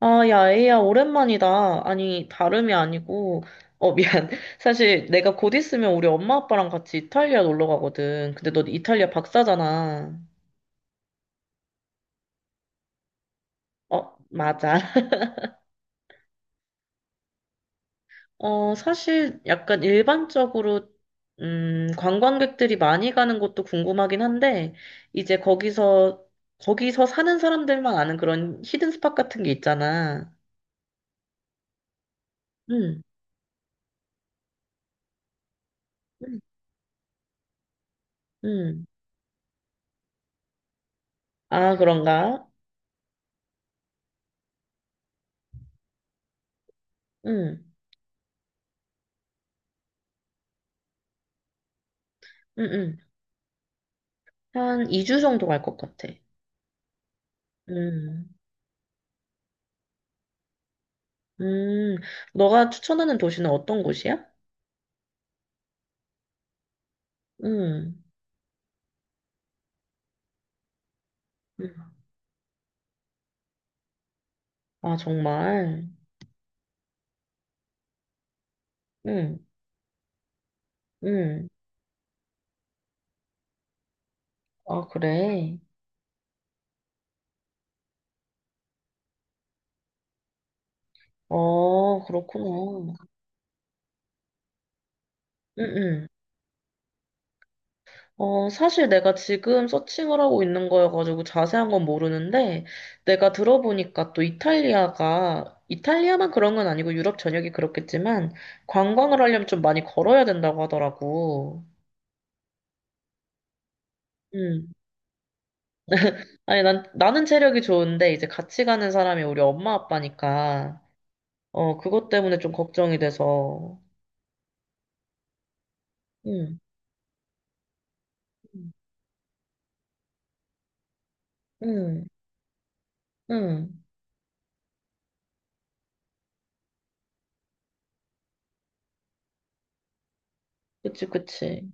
아, 야, 에이야, 오랜만이다. 아니, 다름이 아니고, 미안. 사실 내가 곧 있으면 우리 엄마 아빠랑 같이 이탈리아 놀러 가거든. 근데 너 이탈리아 박사잖아. 어, 맞아. 사실 약간 일반적으로, 관광객들이 많이 가는 곳도 궁금하긴 한데, 이제 거기서 사는 사람들만 아는 그런 히든 스팟 같은 게 있잖아. 응, 응, 응. 아, 그런가? 응, 응, 응. 한 2주 정도 갈 것 같아. 음, 음, 너가 추천하는 도시는 어떤 곳이야? 음, 음. 아, 정말. 음, 음. 아, 그래. 그렇구나. 음, 음. 사실 내가 지금 서칭을 하고 있는 거여가지고 자세한 건 모르는데, 내가 들어보니까 또 이탈리아만 그런 건 아니고 유럽 전역이 그렇겠지만, 관광을 하려면 좀 많이 걸어야 된다고 하더라고. 음. 아니, 나는 체력이 좋은데, 이제 같이 가는 사람이 우리 엄마 아빠니까, 그것 때문에 좀 걱정이 돼서. 응, 응, 응. 그치, 그치.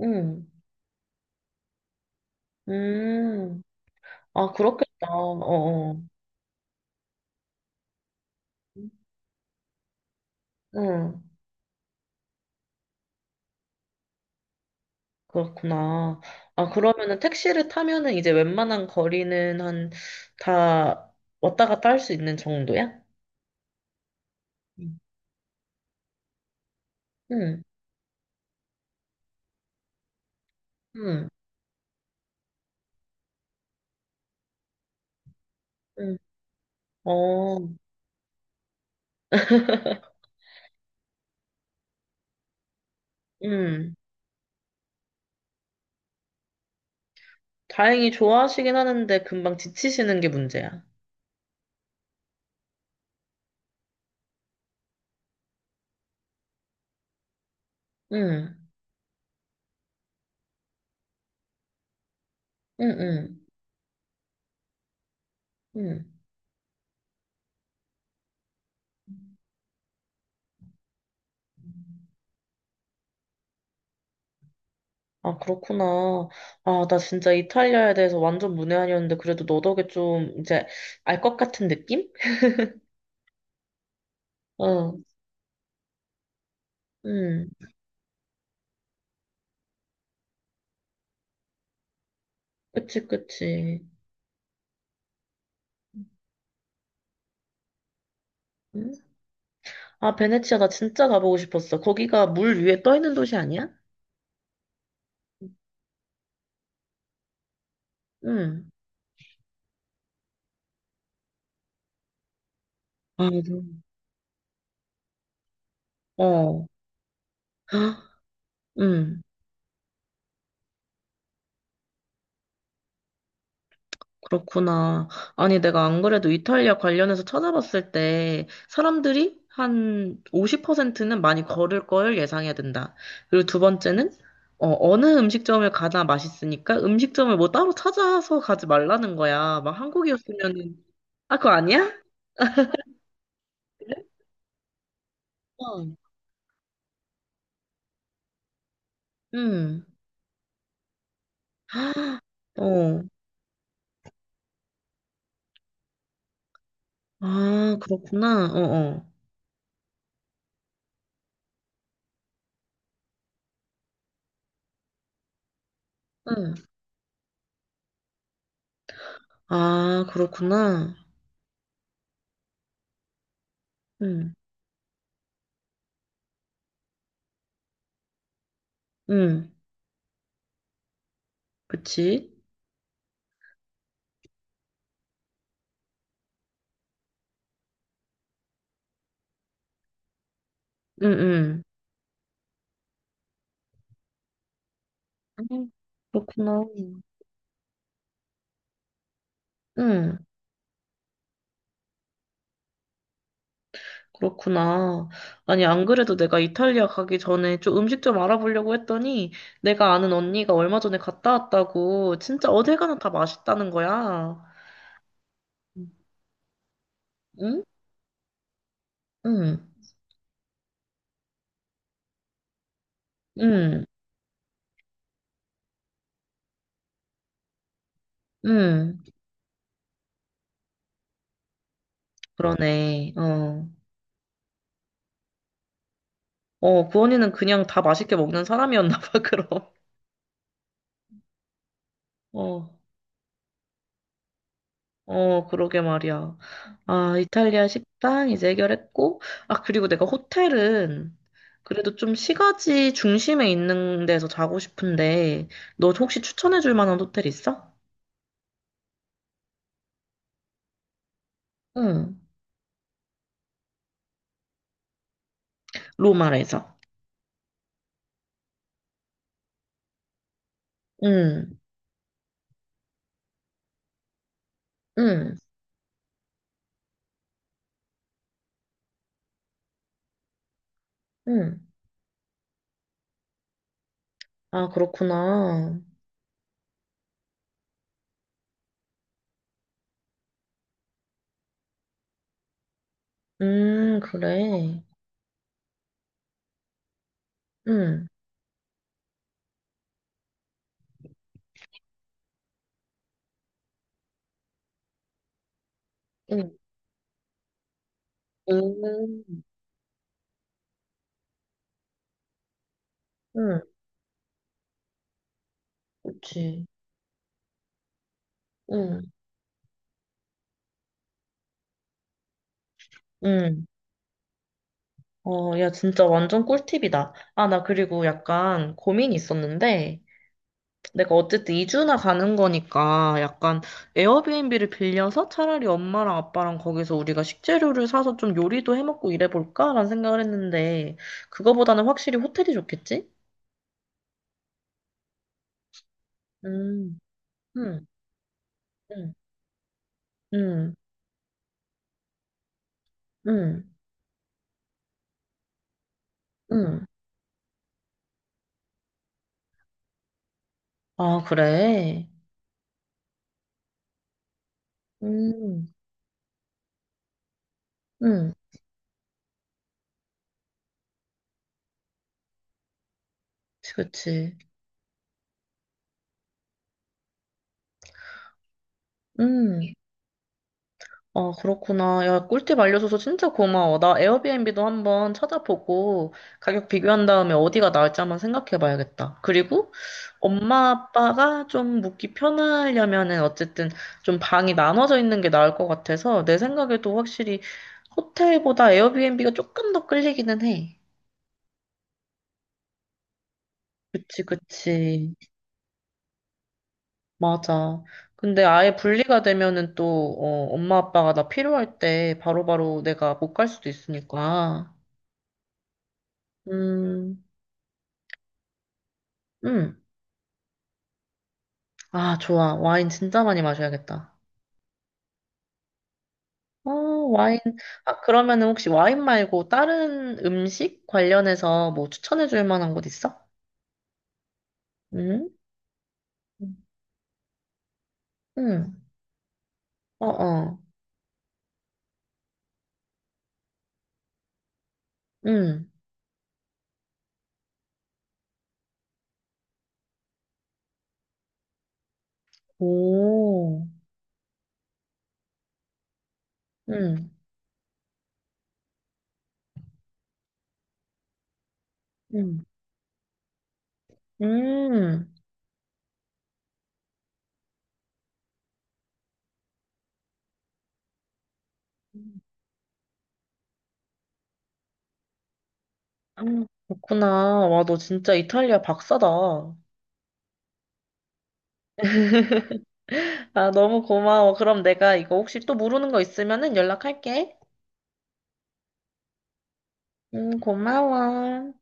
응, 음. 아, 그렇겠다. 어, 어. 응, 그렇구나. 아, 그러면은 택시를 타면은 이제 웬만한 거리는 한, 다 왔다 갔다 할 수 있는 정도야? 응, 응, 응. 응. 어, 응. 다행히 좋아하시긴 하는데 금방 지치시는 게 문제야. 응, 응, 응, 응. 아, 그렇구나. 아, 나 진짜 이탈리아에 대해서 완전 문외한이었는데 그래도 너 덕에 좀 이제 알 것 같은 느낌? 어, 응. 그치, 그치. 응? 아, 베네치아 나 진짜 가보고 싶었어. 거기가 물 위에 떠 있는 도시 아니야? 응. 아, 맞아. 어. 헉, 응. 그렇구나. 아니, 내가 안 그래도 이탈리아 관련해서 찾아봤을 때 사람들이 한 50%는 많이 걸을 걸 예상해야 된다. 그리고 두 번째는 어느 음식점을 가나 맛있으니까 음식점을 뭐 따로 찾아서 가지 말라는 거야. 막 한국이었으면은. 아, 그거 아니야? 그래? 어. 음. 어. 아, 그렇구나. 어, 어. 응. 아, 그렇구나. 응. 응. 그치? 응, 응. 음, 그렇구나. 응, 그렇구나. 아니, 안 그래도 내가 이탈리아 가기 전에 좀 음식 좀 알아보려고 했더니 내가 아는 언니가 얼마 전에 갔다 왔다고 진짜 어딜 가나 다 맛있다는 거야. 응? 응, 응, 응. 그러네. 어. 구원이는 그냥 다 맛있게 먹는 사람이었나 봐, 그럼. 어. 그러게 말이야. 아, 이탈리아 식당 이제 해결했고, 아, 그리고 내가 호텔은 그래도 좀 시가지 중심에 있는 데서 자고 싶은데, 너 혹시 추천해 줄 만한 호텔 있어? 응, 로마에서. 응, 응, 응. 아, 그렇구나. 그래. 응, 응, 응, 응, 그치. 응, 응. 야, 진짜 완전 꿀팁이다. 아, 나 그리고 약간 고민이 있었는데, 내가 어쨌든 2주나 가는 거니까 약간 에어비앤비를 빌려서 차라리 엄마랑 아빠랑 거기서 우리가 식재료를 사서 좀 요리도 해먹고 이래볼까라는 생각을 했는데 그거보다는 확실히 호텔이 좋겠지? 음, 음, 음, 음, 음, 음. 아, 그래? 음, 음, 그치, 그치. 음, 아, 그렇구나. 야, 꿀팁 알려줘서 진짜 고마워. 나 에어비앤비도 한번 찾아보고 가격 비교한 다음에 어디가 나을지 한번 생각해 봐야겠다. 그리고 엄마 아빠가 좀 묵기 편하려면은 어쨌든 좀 방이 나눠져 있는 게 나을 것 같아서 내 생각에도 확실히 호텔보다 에어비앤비가 조금 더 끌리기는 해. 그치, 그치. 맞아. 근데 아예 분리가 되면은 또, 엄마 아빠가 나 필요할 때 바로바로 내가 못 갈 수도 있으니까. 음. 응. 아, 좋아. 와인 진짜 많이 마셔야겠다. 어, 와인. 아, 그러면은 혹시 와인 말고 다른 음식 관련해서 뭐 추천해 줄 만한 곳 있어? 응? 응. 어, 어. 응. 오. 응. 응. 음. 음. 그렇구나. 와, 너 진짜 이탈리아 박사다. 아, 너무 고마워. 그럼 내가 이거 혹시 또 모르는 거 있으면은 연락할게. 응, 고마워.